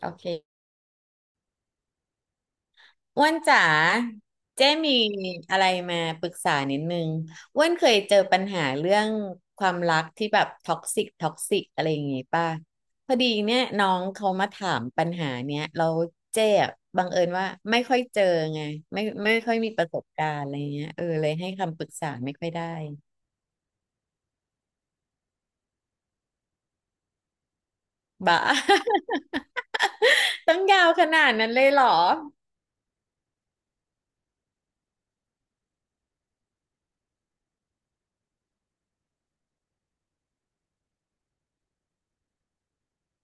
โอเคอ้วนจ๋าเจ้มีอะไรมาปรึกษานิดนึงอ้วนเคยเจอปัญหาเรื่องความรักที่แบบท็อกซิกท็อกซิกอะไรอย่างงี้ป่ะพอดีเนี่ยน้องเขามาถามปัญหาเนี้ยเราเจ๊อะบังเอิญว่าไม่ค่อยเจอไงไม่ค่อยมีประสบการณ์อะไรเงี้ยเลยให้คำปรึกษาไม่ค่อยได้บ้า ต้องยาวขนาดนั้นเลยเหรอ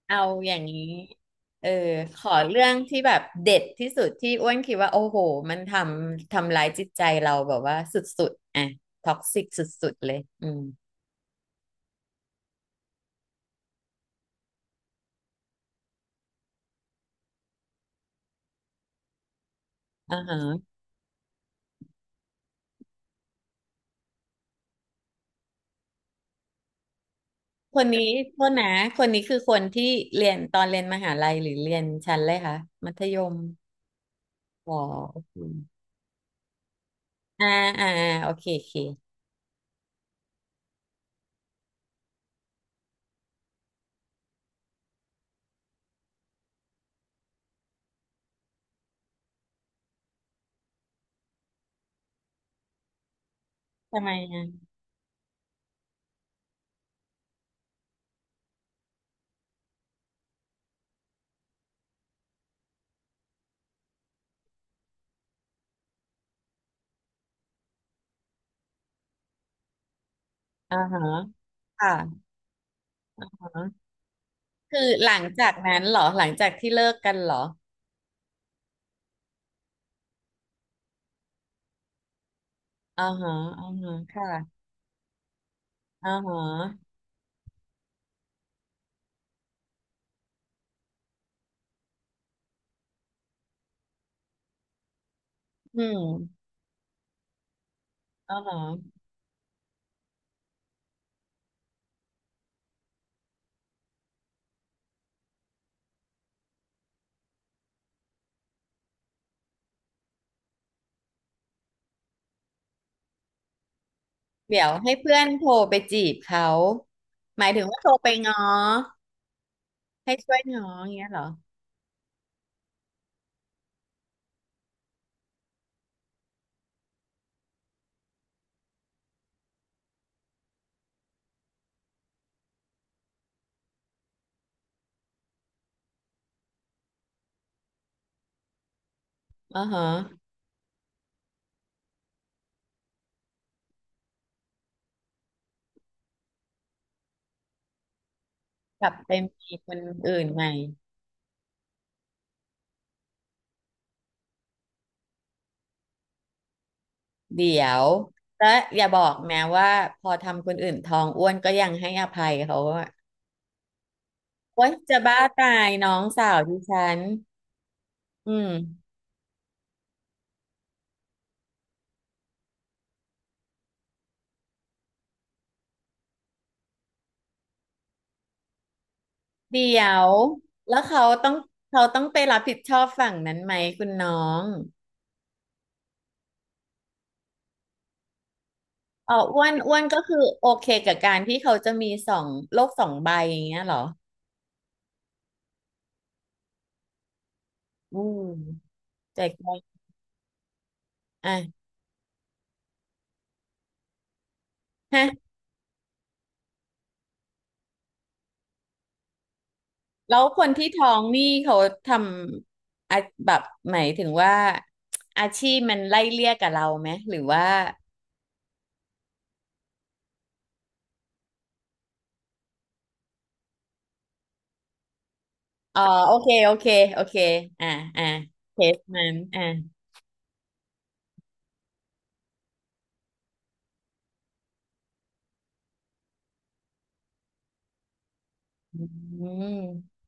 เอาอย่างนี้เออขอเรื่องที่แบบเด็ดที่สุดที่อ้วนคิดว่าโอ้โหมันทำร้ายจิตใจเราแบบว่าสุดๆอ่ะท็อกซิกสุดๆเลยอืมอ่าฮะคนนี้โทษนะคนนี้คือคนที่เรียนตอนเรียนมหาลัยหรือเรียนชั้นเลยคะมัธยมอ๋อโอเคอ่าอ่าอ่าโอเคโอเคทำไมอ่ะอ่าฮะค่ะอ่าฮะคือหลังจากนั้นเหรอหลังจากที่เลิกกันเหรออ่าฮะอ่าฮะค่ะอ่าฮะอืม อ๋อเดี๋ยวให้เพื่อนโทรไปจีบเขาหมายถึงว่าโทรไปง้อให้ช่วยง้ออย่างเงี้ยเหรออ๋อฮะกลับไปมีคนอื่นใหม่เดี๋ยวและอย่าบอกแม้ว่าพอทำคนอื่นท้องอ้วนก็ยังให้อภัยเขาอะโอ๊ยจะบ้าตายน้องสาวดิฉันอืมเดี๋ยวแล้วเขาต้องไปรับผิดชอบฝั่งนั้นไหมคุณน้องอ๋ออ้วนอ้วนก็คือโอเคกับการที่เขาจะมีสองโลกสองใบอย่างเงี้ยเหรอ อืมแจกจ่ายอ่ะฮะแล้วคนที่ท้องนี่เขาทอาแบบหมายถึงว่าอาชีพมันไล่เลี่ยกับเราไหมหรือว่าอ๋อโอเคโอเคโอเคอ่าอ่าเคสนั้นอ่าอืม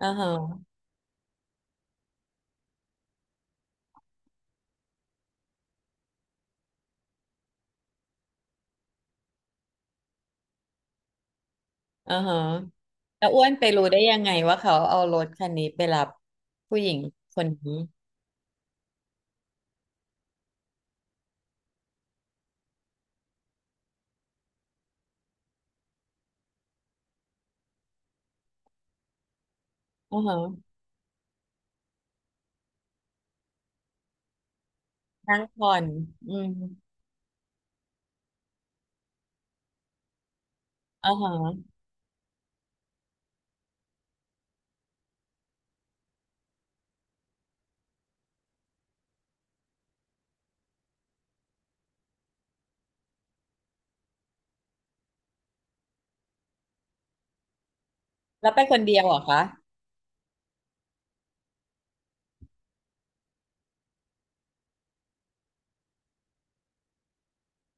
อ่าฮะอ่าฮะแล้วอ้วนไปรู้ได้ยังไงว่าเขาเอารถคันนี้ไปรับผู้หญิงคนนี้อ่าฮะนั่งผ่อนอืมอ่าฮะแล้วไปคนเดียวเหรอคะ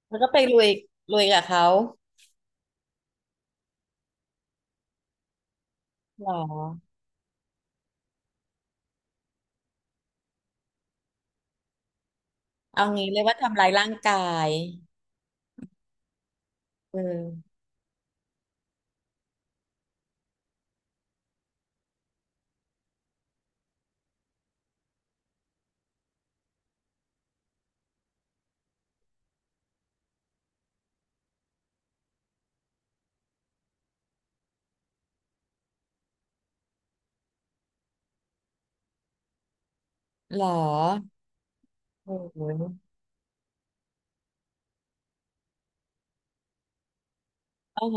แล้วก็ไปลุยกับเขาหรอ เอางี้เลยกว่าทำร้ายร่างกายเออหรอโอ้โหโอ้โห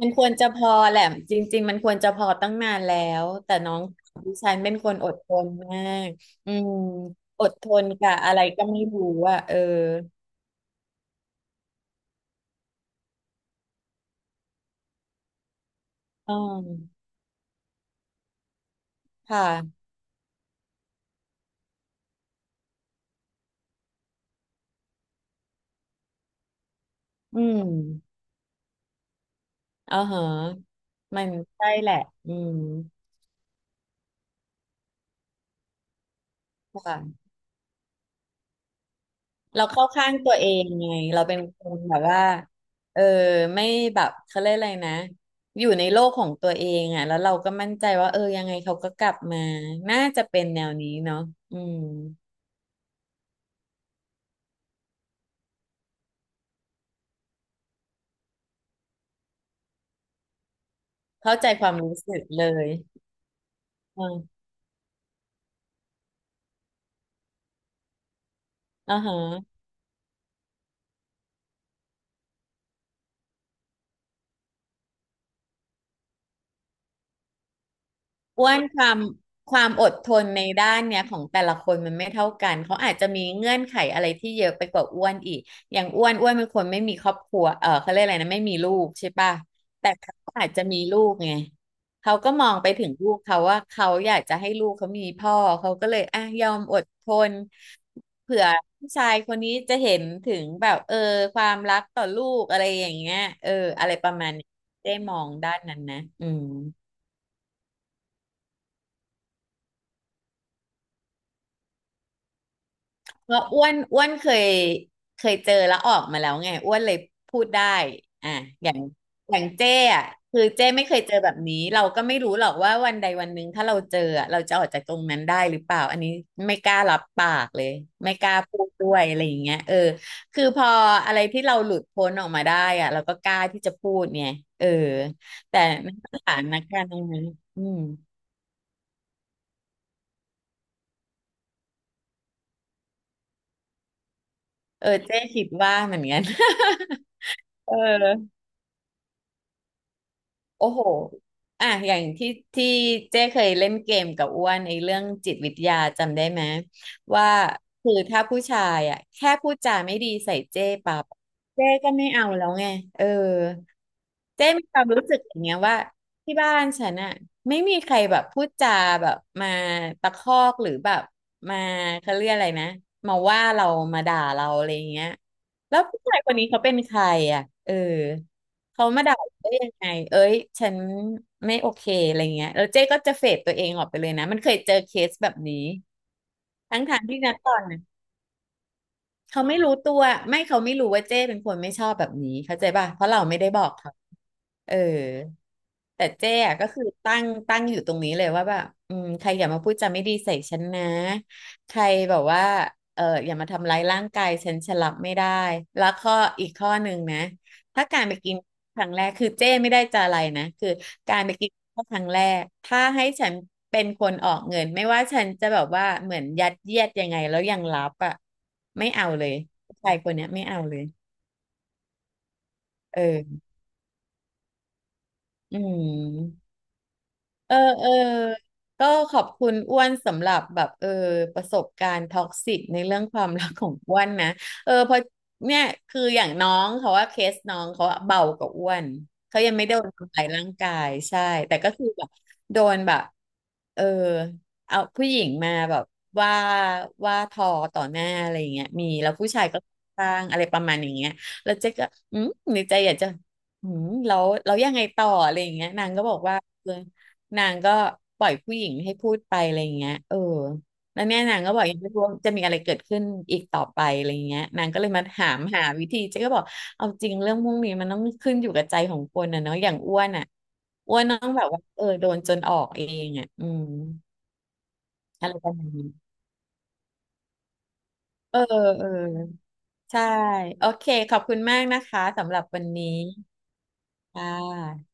มันควรจะพอแหละ จริงๆมันควรจะพอตั้งนานแล้ว แต่น้องดิฉันเป็นคนอดทนมากอืมอดทนกับอะไรก็ไม่รู้อ่ะเอออืมค่ะอืมอ๋อเหรอมันใช่แหละอืมค่ะ เราเข้าข้างตัวเองไงเราเป็นคนแบบว่าเออไม่แบบเขาเรียกอะไรนะอยู่ในโลกของตัวเองอ่ะแล้วเราก็มั่นใจว่าเออยังไงเขาก็กลับมาน่าจะเป็นแนวนี้เนาะอืมเข้าใจความรู้สึกเลยอ่าอ่าฮะ อ้วนความอดทนในด้านเนี้ยของแต่ละคนมันไม่เท่ากันเขาอาจจะมีเงื่อนไขอะไรที่เยอะไปกว่าอ้วนอีกอย่างอ้วนอ้วนเป็นคนไม่มีครอบครัวเออเขาเรียกอะไรนะไม่มีลูกใช่ป่ะแต่เขาอาจจะมีลูกไงเขาก็มองไปถึงลูกเขาว่าเขาอยากจะให้ลูกเขามีพ่อเขาก็เลยอ่ะยอมอดทนเผื่อผู้ชายคนนี้จะเห็นถึงแบบเออความรักต่อลูกอะไรอย่างเงี้ยเอออะไรประมาณนี้ได้มองด้านนั้นนะอืม เพราะอ้วนอ้วนเคยเจอแล้วออกมาแล้วไงอ้วนเลยพูดได้อ่ะอย่างอย่างเจ้อ่ะคือเจ้ไม่เคยเจอแบบนี้เราก็ไม่รู้หรอกว่าวันใดวันหนึ่งถ้าเราเจออะเราจะออกจากตรงนั้นได้หรือเปล่าอันนี้ไม่กล้ารับปากเลยไม่กล้าพูดด้วยอะไรอย่างเงี้ยเออคือพออะไรที่เราหลุดพ้นออกมาได้อ่ะเราก็กล้าที่จะพูดไงเออแต่ในสถานการณ์ตรงนั้นอืมเออเจ้คิดว่าเหมือนกัน เออ โอ้โหอ่ะอย่างที่ที่เจ้เคยเล่นเกมกับอ้วนในเรื่องจิตวิทยาจำได้ไหมว่าคือถ้าผู้ชายอ่ะแค่พูดจาไม่ดีใส่เจ้ปั๊บเจ้ก็ไม่เอาแล้วไงเออ เจ๊มีความรู้สึกอย่างเงี้ยว่าที่บ้านฉันอะไม่มีใครแบบพูดจาแบบมาตะคอกหรือแบบมาเขาเรียกอะไรนะมาว่าเรามาด่าเราอะไรอย่างเงี้ยแล้วผู้ชายคนนี้เขาเป็นใครอ่ะเออเขามาด่าเราได้ยังไงเอ้ยฉันไม่โอเคอะไรเงี้ยแล้วเจ๊ก็จะเฟดตัวเองออกไปเลยนะมันเคยเจอเคสแบบนี้ทั้งทางที่นะตอนนั้น เขาไม่รู้ตัวไม่เขาไม่รู้ว่าเจ้เป็นคนไม่ชอบแบบนี้เข้าใจป่ะเพราะเราไม่ได้บอกเขาเออแต่เจ๊อะก็คือตั้งอยู่ตรงนี้เลยว่าแบบอืมใครอย่ามาพูดจาไม่ดีใส่ฉันนะใครแบบว่าเอออย่ามาทำร้ายร่างกายฉันฉันรับไม่ได้ แล้วอีกข้อหนึ่งนะ ถ้าการไปกินครั้งแรกคือเจ๊ไม่ได้จะอะไรนะคือ การไปกินข้าวครั้งแรกถ้าให้ฉันเป็นคนออกเงิน ไม่ว่าฉันจะแบบว่าเหมือนยัดเยียดยังไงแล้วยังรับอ่ะไม่เอาเลยผู้ชายคนเนี้ยไม่เอาเลยเอออืม เออเออก็ขอบคุณอ้วนสำหรับแบบเออประสบการณ์ท็อกซิกในเรื่องความรักของอ้วนนะเออเพราะเนี่ยคืออย่างน้องเขาว่าเคสน้องเขาอะเบากว่าอ้วนเขายังไม่โดนทำร้ายร่างกายใช่แต่ก็คือแบบโดนแบบเออเอาผู้หญิงมาแบบว่าทอต่อหน้าอะไรอย่างเงี้ยมีแล้วผู้ชายก็สร้างอะไรประมาณอย่างเงี้ยแล้วเจ๊ก็อืมในใจอยากจะอืมแล้วยังไงต่ออะไรอย่างเงี้ยนางก็บอกว่า นางก็ปล่อยผู้หญิงให้พูดไปอะไรอย่างเงี้ยเออแล้วเนี่ยนางก็บอกยังไม่รู้ว่าจะมีอะไรเกิดขึ้นอีกต่อไปอะไรอย่างเงี้ยนางก็เลยมาถามหาวิธีเจ๊ก็บอกเอาจริงเรื่องพวกนี้มันต้องขึ้นอยู่กับใจของคนนะเนาะอย่างอ้วนอ่ะอ้วนต้องแบบว่าเออโดนจนออกเองอ่ะอืมอะไรประมาณนี้เออเออใช่โอเคขอบคุณมากนะคะสำหรับวันนี้ค่ะ